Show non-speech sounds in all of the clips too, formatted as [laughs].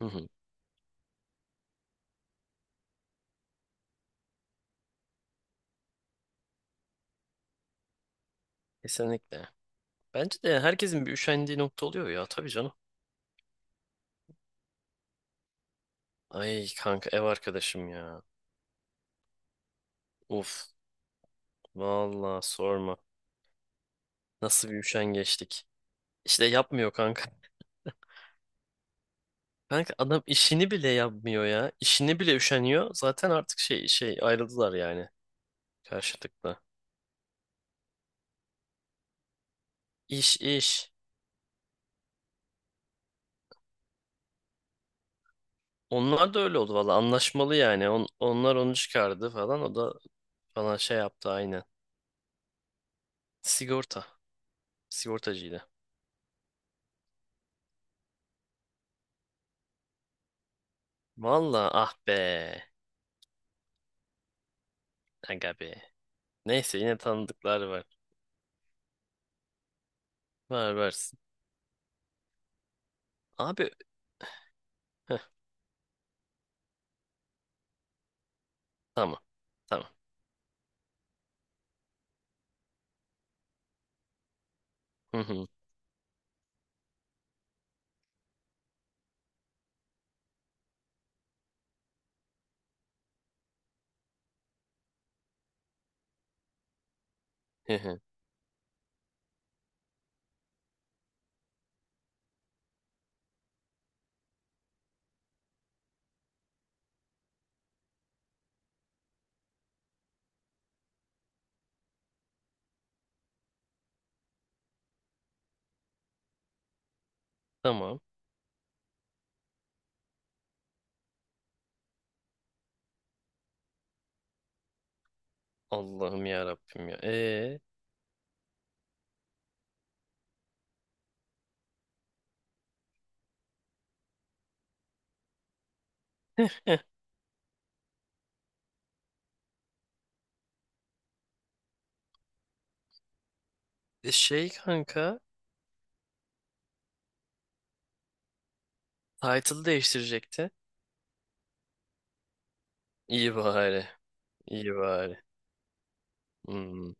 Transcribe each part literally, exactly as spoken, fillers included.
Hı hı. Kesinlikle. Bence de herkesin bir üşendiği nokta oluyor ya tabii canım. Ay kanka ev arkadaşım ya. Uf. Vallahi sorma. Nasıl bir üşengeçlik. İşte yapmıyor kanka. [laughs] Kanka adam işini bile yapmıyor ya. İşini bile üşeniyor. Zaten artık şey şey ayrıldılar yani karşılıklı. İş iş. Onlar da öyle oldu valla anlaşmalı yani. On- onlar onu çıkardı falan. O da bana şey yaptı aynen. Sigorta. Sigortacıydı. Valla ah be. Aga be. Neyse yine tanıdıklar var. Ver versin. Abi heh, tamam. Tamam. Hı hı, hı hı. Tamam. Allah'ım ya Rabbim ya. Ee, heh, e Şey kanka title değiştirecekti. İyi bari. İyi bari. Hmm.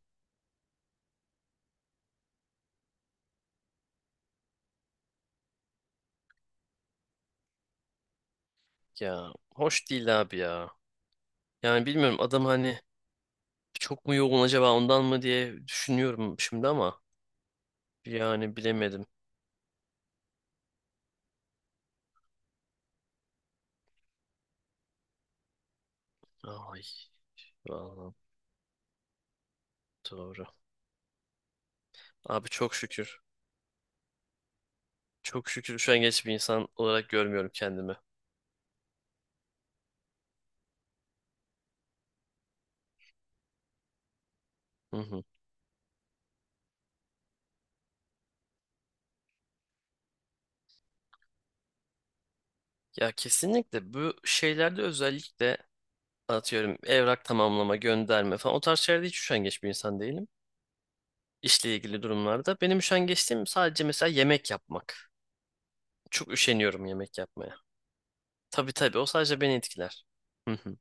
Ya hoş değil abi ya. Yani bilmiyorum adam hani çok mu yoğun acaba ondan mı diye düşünüyorum şimdi ama yani bilemedim. Ay vallahi doğru. Abi çok şükür. Çok şükür şu an geç bir insan olarak görmüyorum kendimi. Hı hı. Ya kesinlikle bu şeylerde özellikle atıyorum evrak tamamlama, gönderme falan o tarz şeylerde hiç üşengeç bir insan değilim. İşle ilgili durumlarda. Benim üşengeçliğim sadece mesela yemek yapmak. Çok üşeniyorum yemek yapmaya. Tabii tabii o sadece beni etkiler. Hı hı.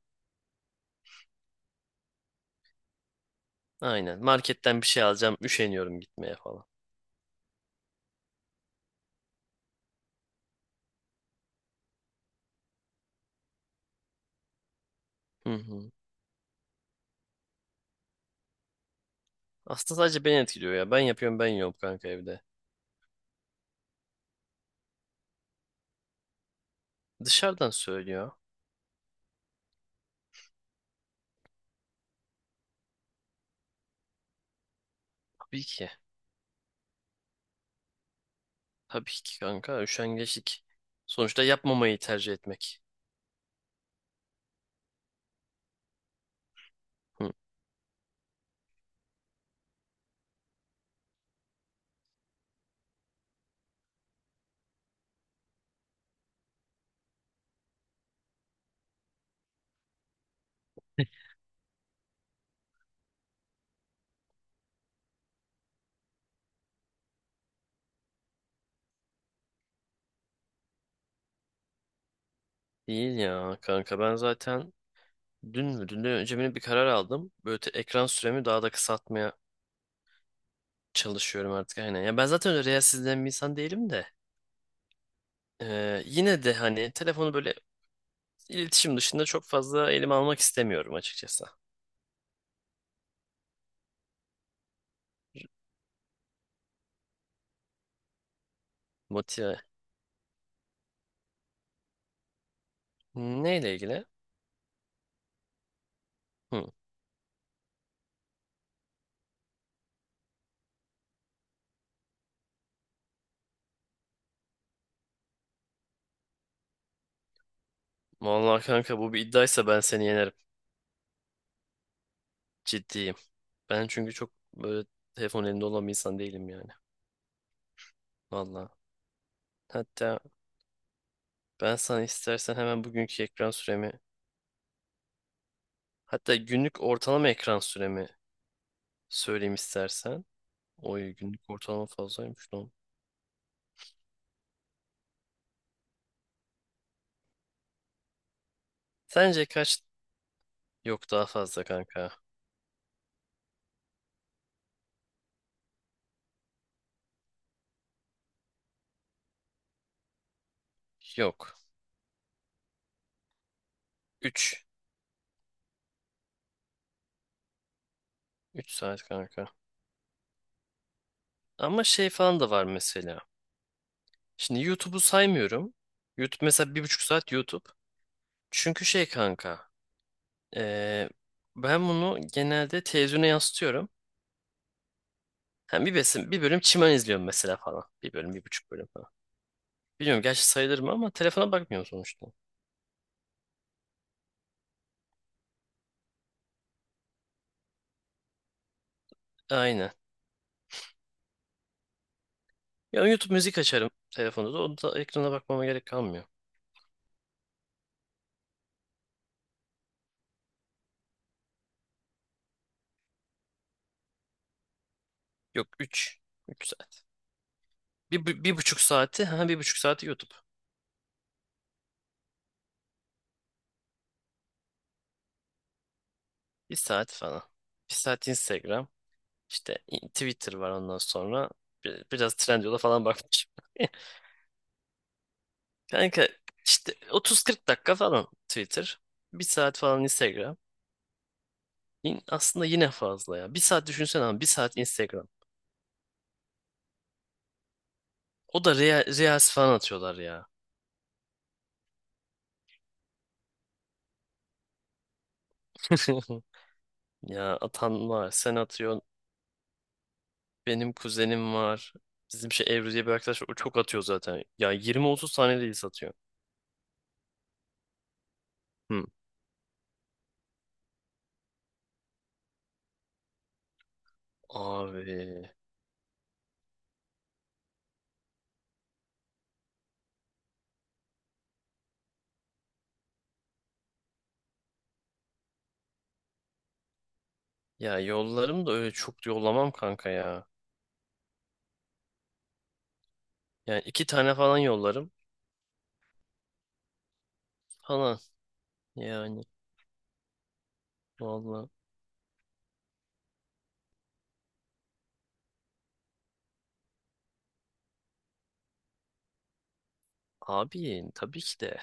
Aynen. Marketten bir şey alacağım, üşeniyorum gitmeye falan. Hı hı. Aslında sadece beni etkiliyor ya. Ben yapıyorum, ben yiyorum kanka evde. Dışarıdan söylüyor. Tabii ki. Tabii ki kanka üşengeçlik. Sonuçta yapmamayı tercih etmek. Değil ya kanka ben zaten dün mü dünden önce mi ne bir karar aldım. Böyle te- ekran süremi daha da kısaltmaya çalışıyorum artık aynen. Ya ben zaten öyle reels izleyen bir insan değilim de. Ee, yine de hani telefonu böyle iletişim dışında çok fazla elime almak istemiyorum açıkçası. Motive. Neyle ilgili? Hı. Vallahi kanka bu bir iddiaysa ben seni yenerim. Ciddiyim. Ben çünkü çok böyle telefon elinde olan bir insan değilim yani. Vallahi. Hatta ben sana istersen hemen bugünkü ekran süremi. Hatta günlük ortalama ekran süremi söyleyeyim istersen. Oy günlük ortalama fazlaymış lan. Sence kaç? Yok daha fazla kanka. Yok. üç, üç saat kanka. Ama şey falan da var mesela. Şimdi YouTube'u saymıyorum. YouTube mesela bir buçuk saat YouTube. Çünkü şey kanka. eee, Ben bunu genelde televizyona yansıtıyorum. Hem bir besin, bir bölüm çimen izliyorum mesela falan. Bir bölüm, bir buçuk bölüm falan. Bilmiyorum gerçi sayılır mı ama telefona bakmıyorum sonuçta. Aynen. Ya YouTube müzik açarım telefonda da. Onda ekrana bakmama gerek kalmıyor. Yok üç, üç saat. Bir, bu- bir, buçuk saati. Ha bir buçuk saati YouTube. Bir saat falan. Bir saat Instagram. İşte Twitter var ondan sonra. Bir- biraz Trendyol'a falan bakmışım. [laughs] Kanka işte otuz kırk dakika falan Twitter. Bir saat falan Instagram. Yine- aslında yine fazla ya. Bir saat düşünsene ama bir saat Instagram. O da Reels falan atıyorlar ya. [laughs] Ya atan var. Sen atıyorsun. Benim kuzenim var. Bizim şey Ebru diye bir arkadaş var. O çok atıyor zaten. Ya yirmi otuz tane değil satıyor. Hı. Abi. Ya yollarım da öyle çok yollamam kanka ya. Yani iki tane falan yollarım. Falan. Yani. Vallahi. Abi tabii ki de.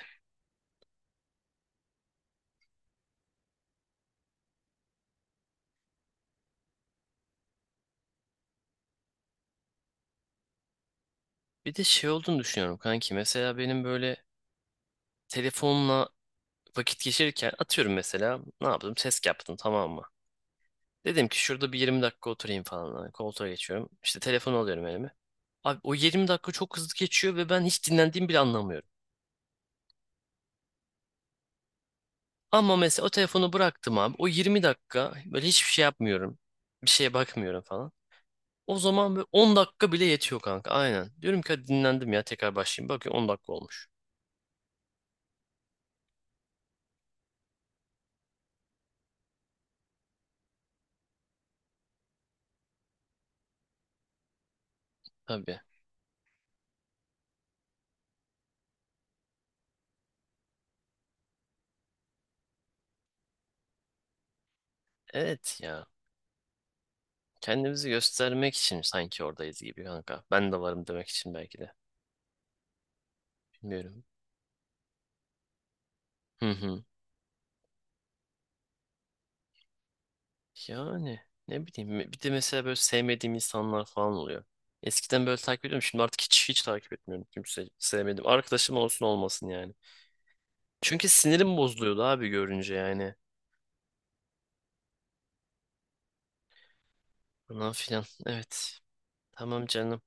Bir de şey olduğunu düşünüyorum kanki. Mesela benim böyle telefonla vakit geçirirken atıyorum mesela. Ne yaptım? Test yaptım tamam mı? Dedim ki şurada bir yirmi dakika oturayım falan. Hani koltuğa geçiyorum. İşte telefonu alıyorum elime. Abi o yirmi dakika çok hızlı geçiyor ve ben hiç dinlendiğimi bile anlamıyorum. Ama mesela o telefonu bıraktım abi. O yirmi dakika böyle hiçbir şey yapmıyorum. Bir şeye bakmıyorum falan. O zaman böyle on dakika bile yetiyor kanka. Aynen. Diyorum ki hadi dinlendim ya tekrar başlayayım. Bakıyorum on dakika olmuş. Tabii. Evet ya. Kendimizi göstermek için sanki oradayız gibi kanka. Ben de varım demek için belki de. Bilmiyorum. Hı hı. Yani ne bileyim bir de mesela böyle sevmediğim insanlar falan oluyor. Eskiden böyle takip ediyordum şimdi artık hiç hiç takip etmiyorum kimse sevmedim. Arkadaşım olsun olmasın yani. Çünkü sinirim bozuluyordu abi görünce yani. Falan filan evet. Tamam canım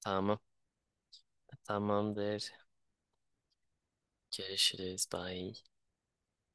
tamam tamamdır. Görüşürüz bye.